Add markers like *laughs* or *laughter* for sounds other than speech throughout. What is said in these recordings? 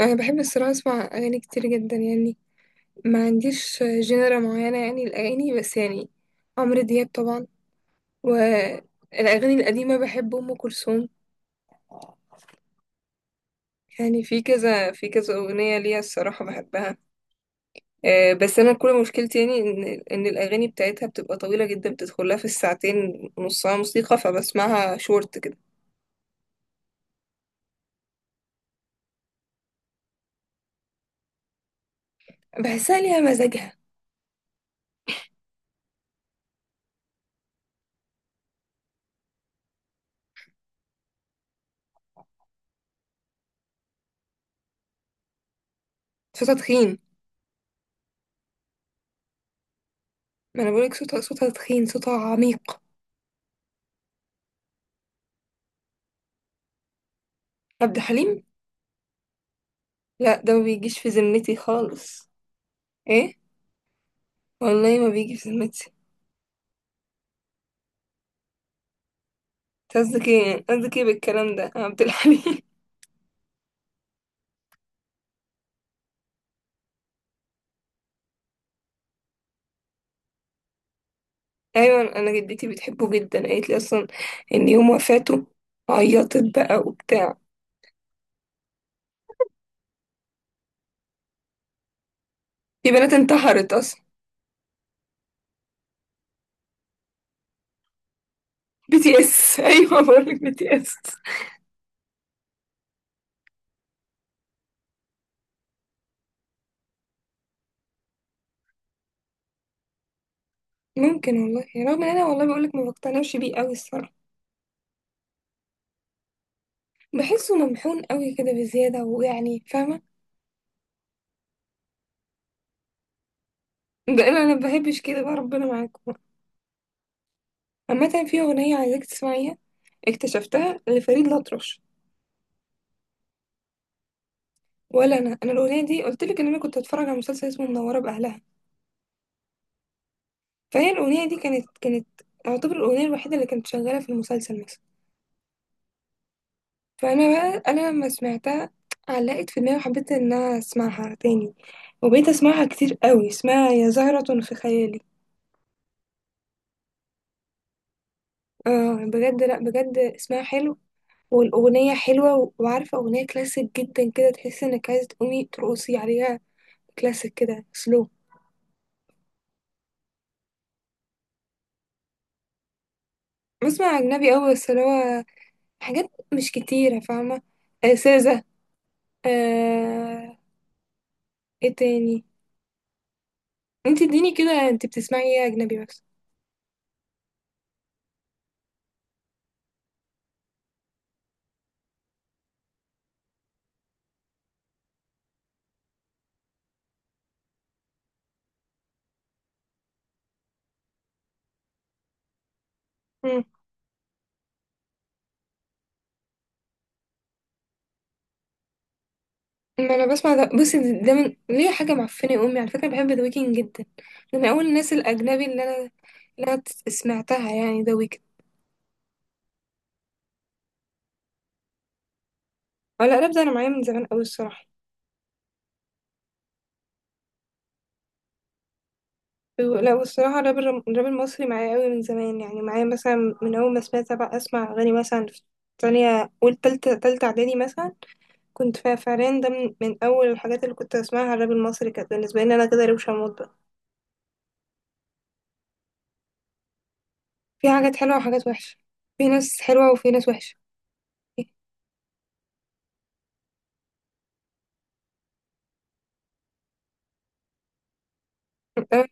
انا بحب الصراحه اسمع اغاني كتير جدا يعني، ما عنديش جنرا معينه، يعني الاغاني، بس يعني عمرو دياب طبعا. والاغاني القديمه بحب ام كلثوم. يعني في كذا اغنيه ليها الصراحه بحبها. آه، بس انا كل مشكلتي يعني ان الاغاني بتاعتها بتبقى طويله جدا، بتدخلها في الساعتين، نصها موسيقى فبسمعها شورت كده. بحسها ليها مزاجها. صوتها تخين. ما انا بقولك صوتها صوتها تخين، صوتها عميق. عبد الحليم، لا ده ما بيجيش في ذمتي خالص. ايه. والله ما بيجي في ذمتي. أنت قصدك ايه؟ قصدك ايه بالكلام ده يا عبد الحليم؟ *laughs* ايوه انا جدتي بتحبه جدا، قالت لي اصلا ان يوم وفاته عيطت بقى وبتاع. في بنات انتحرت اصلا. *laughs* BTS. *laughs* ايوه بقول لك BTS. ممكن والله، رغم ان انا والله بقول لك ما بقتنعش بيه قوي الصراحه. بحسه ممحون قوي كده بزياده، ويعني فاهمه. ده انا ما بحبش كده بقى، ربنا معاكم. عامه في اغنيه عايزاك تسمعيها، اكتشفتها لفريد الأطرش. ولا انا الاغنيه دي قلت لك ان انا كنت اتفرج على مسلسل اسمه منوره باهلها، فهي الاغنيه دي كانت اعتبر الاغنيه الوحيده اللي كانت شغاله في المسلسل مثلا. فانا بقى، انا لما سمعتها علقت في دماغي، وحبيت ان انا اسمعها تاني، وبقيت اسمعها كتير قوي، اسمها يا زهرة في خيالي. اه بجد، لا بجد اسمها حلو. والاغنيه حلوه و- وعارفه اغنيه كلاسيك جدا كده، تحس انك عايزه تقومي ترقصي عليها، كلاسيك كده سلو. بسمع اجنبي قوي، بس اللي هو حاجات مش كتيره، فاهمه. سيزا. آه... ايه تاني. انت اديني كده، انت بتسمعي ايه اجنبي مثلا؟ مم. ما انا بسمع ده، بصي ده من ليه حاجه معفنه يا امي، على فكره بحب ذا ويكند جدا. ده من اول الناس الاجنبي اللي انا سمعتها يعني، ذا ويكند. ولا راب، ده انا معايا من زمان قوي الصراحه. لا والصراحه الراب، الراب المصري معايا قوي من زمان، يعني معايا مثلا من اول ما سمعت، بقى اسمع اغاني مثلا في تانية، أول تالتة إعدادي مثلا. كنت فعليا ده من أول الحاجات اللي كنت أسمعها، الراب المصري كانت بالنسبة لي أنا كده روشة موت بقى. في حاجات حلوة وحاجات وحشة، في ناس حلوة وفي ناس وحشة.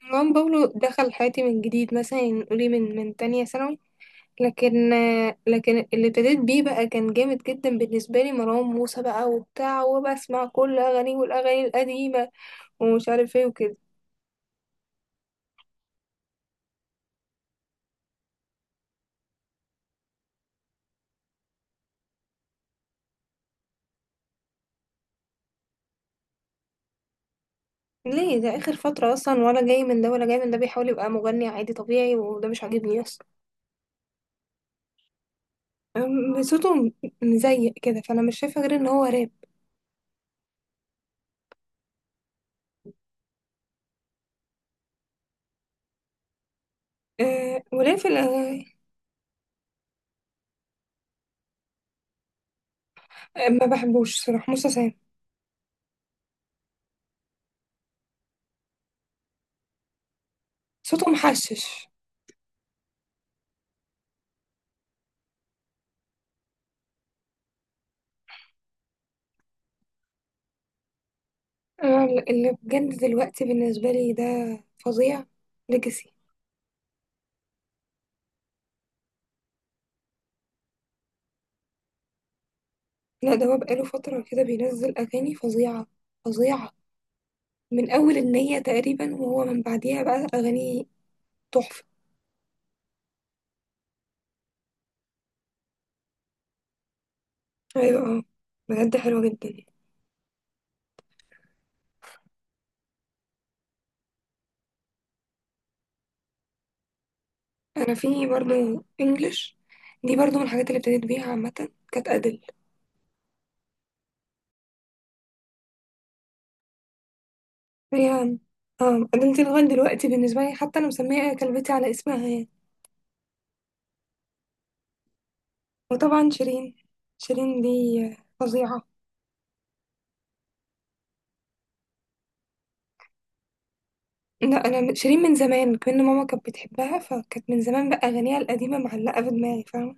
مروان بابلو دخل حياتي من جديد، مثلا نقولي من تانية ثانوي. لكن لكن اللي ابتديت بيه بقى كان جامد جدا بالنسبة لي، مروان موسى بقى وبتاع، وبسمع كل أغانيه والأغاني القديمة ومش عارف ايه وكده. ليه ده آخر فترة أصلا، ولا جاي من ده ولا جاي من ده بيحاول يبقى مغني عادي طبيعي، وده مش عاجبني أصلا. صوته مزيق كده، فأنا مش شايفة غير إن هو راب. أه وليه في الأغاني. أه، ما بحبوش صراحة موسى سام. صوته محشش. أنا اللي بجد دلوقتي بالنسبة لي ده فظيع، ليجاسي. لا ده هو بقاله فترة كده بينزل أغاني فظيعة، فظيعة، من أول النية تقريبا، وهو من بعديها بقى أغاني تحفة. أيوة اه، بجد حلوة جدا. أنا في برضه إنجلش، دي برضه من الحاجات اللي ابتديت بيها عامة، كانت أدل. هي، اه أدل دي لغاية دلوقتي بالنسبة لي، حتى أنا مسمية كلبتي على اسمها يعني. وطبعا شيرين، شيرين دي فظيعة. لا انا شيرين من زمان كأن ماما كانت بتحبها، فكانت من زمان بقى اغانيها القديمه معلقه في دماغي، فاهمه.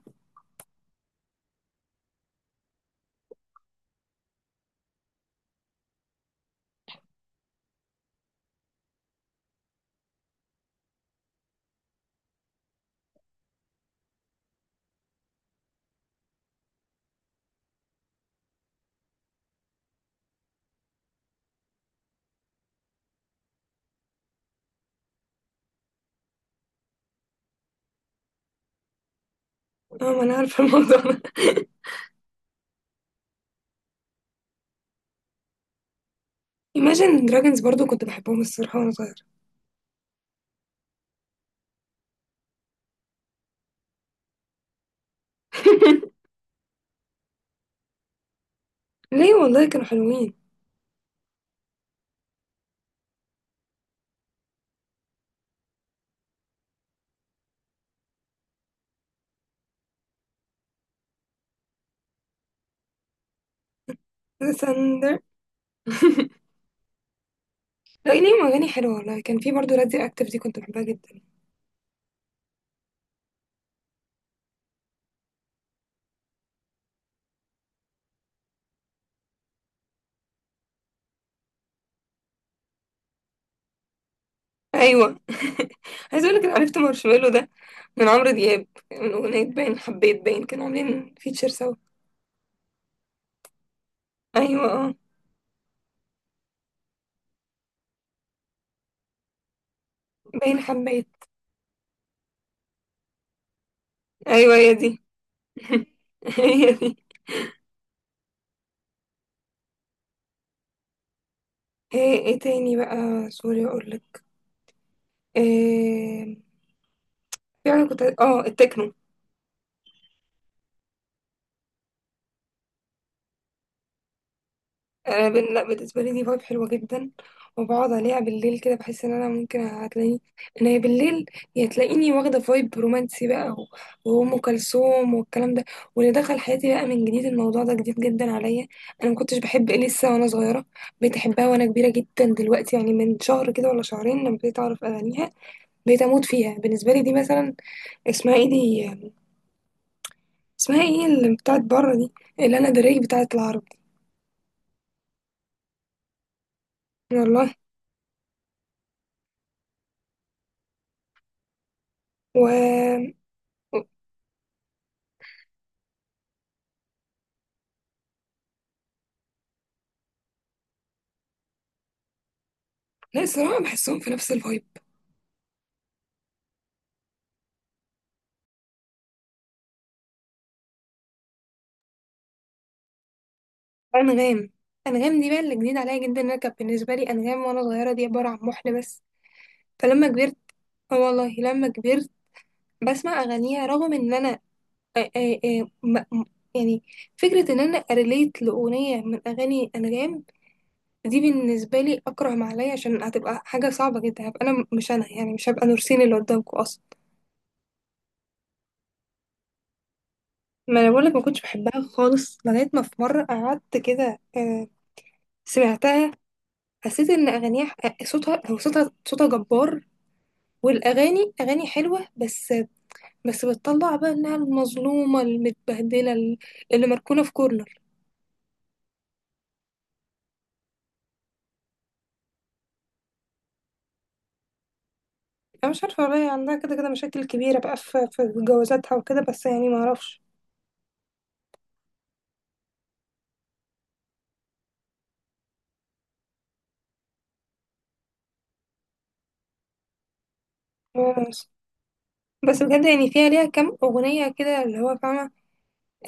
اه ما انا عارفه الموضوع ده. *laughs* Imagine Dragons برضو كنت بحبهم الصراحه وانا صغيره. *laughs* ليه والله كانوا حلوين. The Thunder. *laughs* لا ليهم اغاني حلوه، والله كان في برضو راديو اكتف دي كنت بحبها جدا. ايوه. *laughs* عايز اقول لك انا عرفت مارشميلو ده من عمرو دياب، من اغنيه باين حبيت، باين كانوا عاملين فيتشر سوا. ايوه اه. باين حبيت. ايوه هي دي. *laughs* هي دي. ايه تاني بقى. سوري اقول لك، إيه، يعني كنت التكنو. لا بالنسبه لي دي فايب حلوه جدا، وبقعد عليها بالليل كده، بحس ان انا ممكن هتلاقيني ان هي بالليل، يا تلاقيني واخده فايب رومانسي بقى، وام كلثوم والكلام ده. واللي دخل حياتي بقى من جديد، الموضوع ده جديد جدا عليا. انا ما كنتش بحب اليسا وانا صغيره، بقيت احبها وانا كبيره جدا دلوقتي، يعني من شهر كده ولا شهرين لما بقيت اعرف اغانيها، بقيت اموت فيها. بالنسبه لي دي مثلا، اسمها ايه دي؟ اسمها ايه اللي بتاعت بره دي؟ الانا دريك بتاعت العرب. والله. و لا الصراحه بحسهم في نفس الفايب. انغام، انغام دي بقى اللي جديد عليا جدا. انا كانت بالنسبه لي انغام وانا صغيره دي عباره عن محن بس، فلما كبرت، اه والله لما كبرت بسمع اغانيها. رغم ان انا آه، آه، آه، م- م- يعني فكره ان انا اريليت لاغنيه من اغاني انغام، دي بالنسبه لي اكره ما عليا، عشان هتبقى حاجه صعبه جدا، هبقى انا مش انا، يعني مش هبقى نورسين اللي قدامكم اصلا. ما انا بقولك ما كنتش بحبها خالص، لغايه ما في مره قعدت كده، سمعتها، حسيت ان اغانيها صوتها هو صوتها صوتها جبار، والاغاني اغاني حلوه، بس بتطلع بقى انها المظلومه المتبهدله اللي مركونه في كورنر. انا مش عارفه والله، عندها كده كده مشاكل كبيره بقى في جوازاتها وكده، بس يعني ما اعرفش. بس بجد يعني فيها ليها كام اغنيه كده اللي هو، فاهمه.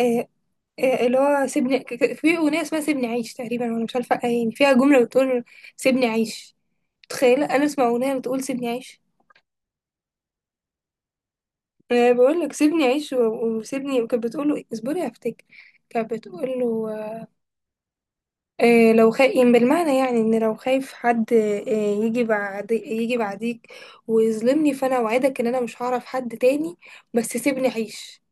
آه، اللي هو سيبني في أغنية اسمها سيبني عيش تقريبا، وأنا مش عارفة، يعني فيها جملة بتقول سيبني عيش. تخيل أنا أسمع أغنية بتقول سيبني عيش! أنا بقول لك سيبني عيش، وسيبني. وكانت بتقول له اصبري هفتك، كانت بتقول له لو خايف، يعني بالمعنى يعني إن لو خايف حد يجي بعديك ويظلمني، فأنا أوعدك إن أنا مش هعرف حد تاني، بس سيبني عيش.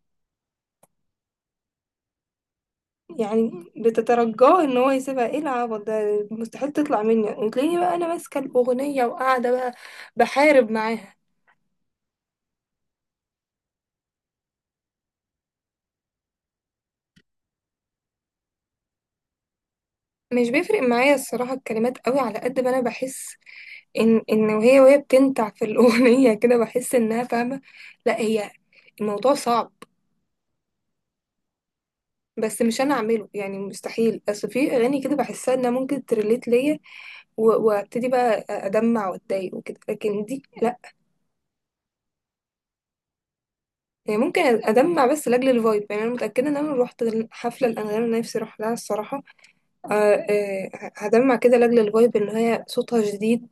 يعني بتترجاه ان هو يسيبها، ايه العبط ده، مستحيل تطلع مني وتلاقيني بقى انا ماسكه الاغنيه وقاعده بقى بحارب معاها. مش بيفرق معايا الصراحه الكلمات قوي، على قد ما انا بحس ان وهي بتنتع في الاغنيه *laughs* كده، بحس انها فاهمه. لا هي الموضوع صعب، بس مش انا اعمله يعني، مستحيل. اصل في اغاني كده بحسها انها ممكن تريليت ليا وابتدي بقى ادمع واتضايق وكده، لكن دي لا. يعني ممكن أدمع بس لأجل الفايب، يعني أنا متأكدة إن أنا لو روحت حفلة الأنغام اللي نفسي أروح لها الصراحة، آه، آه، هدمع كده لأجل الفايب، إن هي صوتها جديد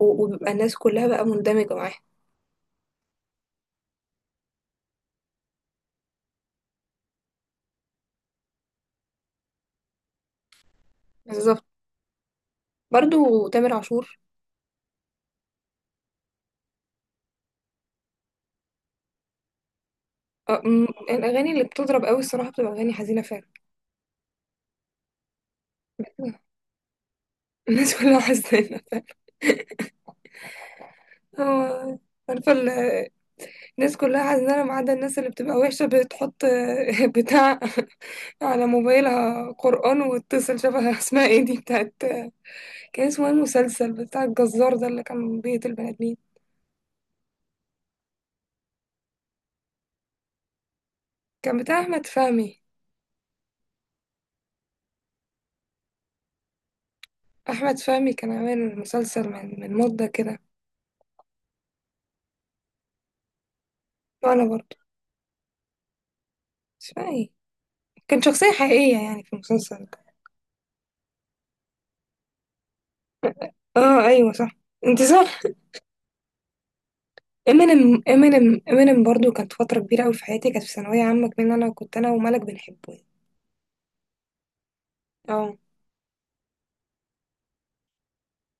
وبيبقى الناس كلها بقى مندمجة معاها. بالظبط. برضو تامر عاشور، آه، م- الأغاني اللي بتضرب قوي الصراحة بتبقى أغاني حزينة فعلا. *laughs* الناس كلها حزينة فعلا. هو عارفة الناس كلها حزينة ما عدا الناس اللي بتبقى وحشة بتحط *laughs* بتاع على موبايلها قرآن وتتصل، شبه اسمها ايه دي بتاعت؟ كان اسمه ايه المسلسل بتاع الجزار ده اللي كان بيت البني ادمين؟ كان بتاع احمد فهمي. احمد فهمي كان عامل مسلسل من مده كده. وانا برضه مش فاكرة ايه، كان شخصيه حقيقيه يعني في المسلسل ده. اه ايوه صح، انت صح. امينيم امينيم امينيم برضه كانت فتره كبيره قوي في حياتي، كانت في ثانويه عامه كمان، انا كنت انا وملك بنحبه يعني. اه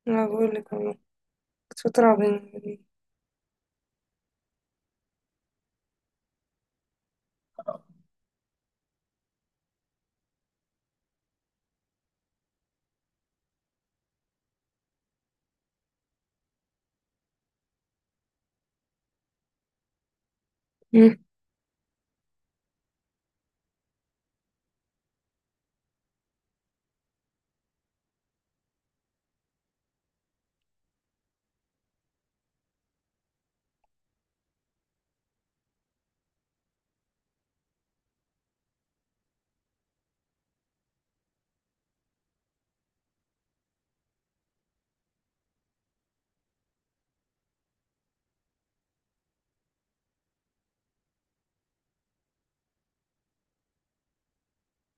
انا بقول لك والله، كانت فتره بين. مم.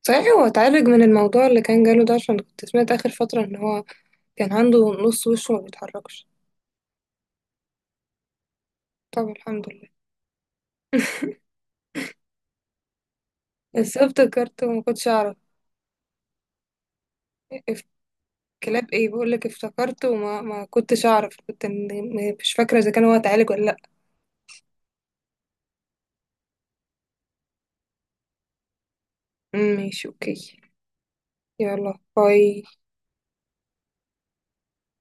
صحيح هو اتعالج من الموضوع اللي كان جاله ده؟ عشان كنت سمعت آخر فترة إن هو كان عنده نص وشه ما بيتحركش. طب الحمد لله. *laughs* بس افتكرت وما كنتش اعرف، اف- كلاب ايه؟ بقول لك افتكرت وما ما كنتش اعرف، كنت مش فاكره اذا كان هو اتعالج ولا لا. ماشي اوكي. يلا باي.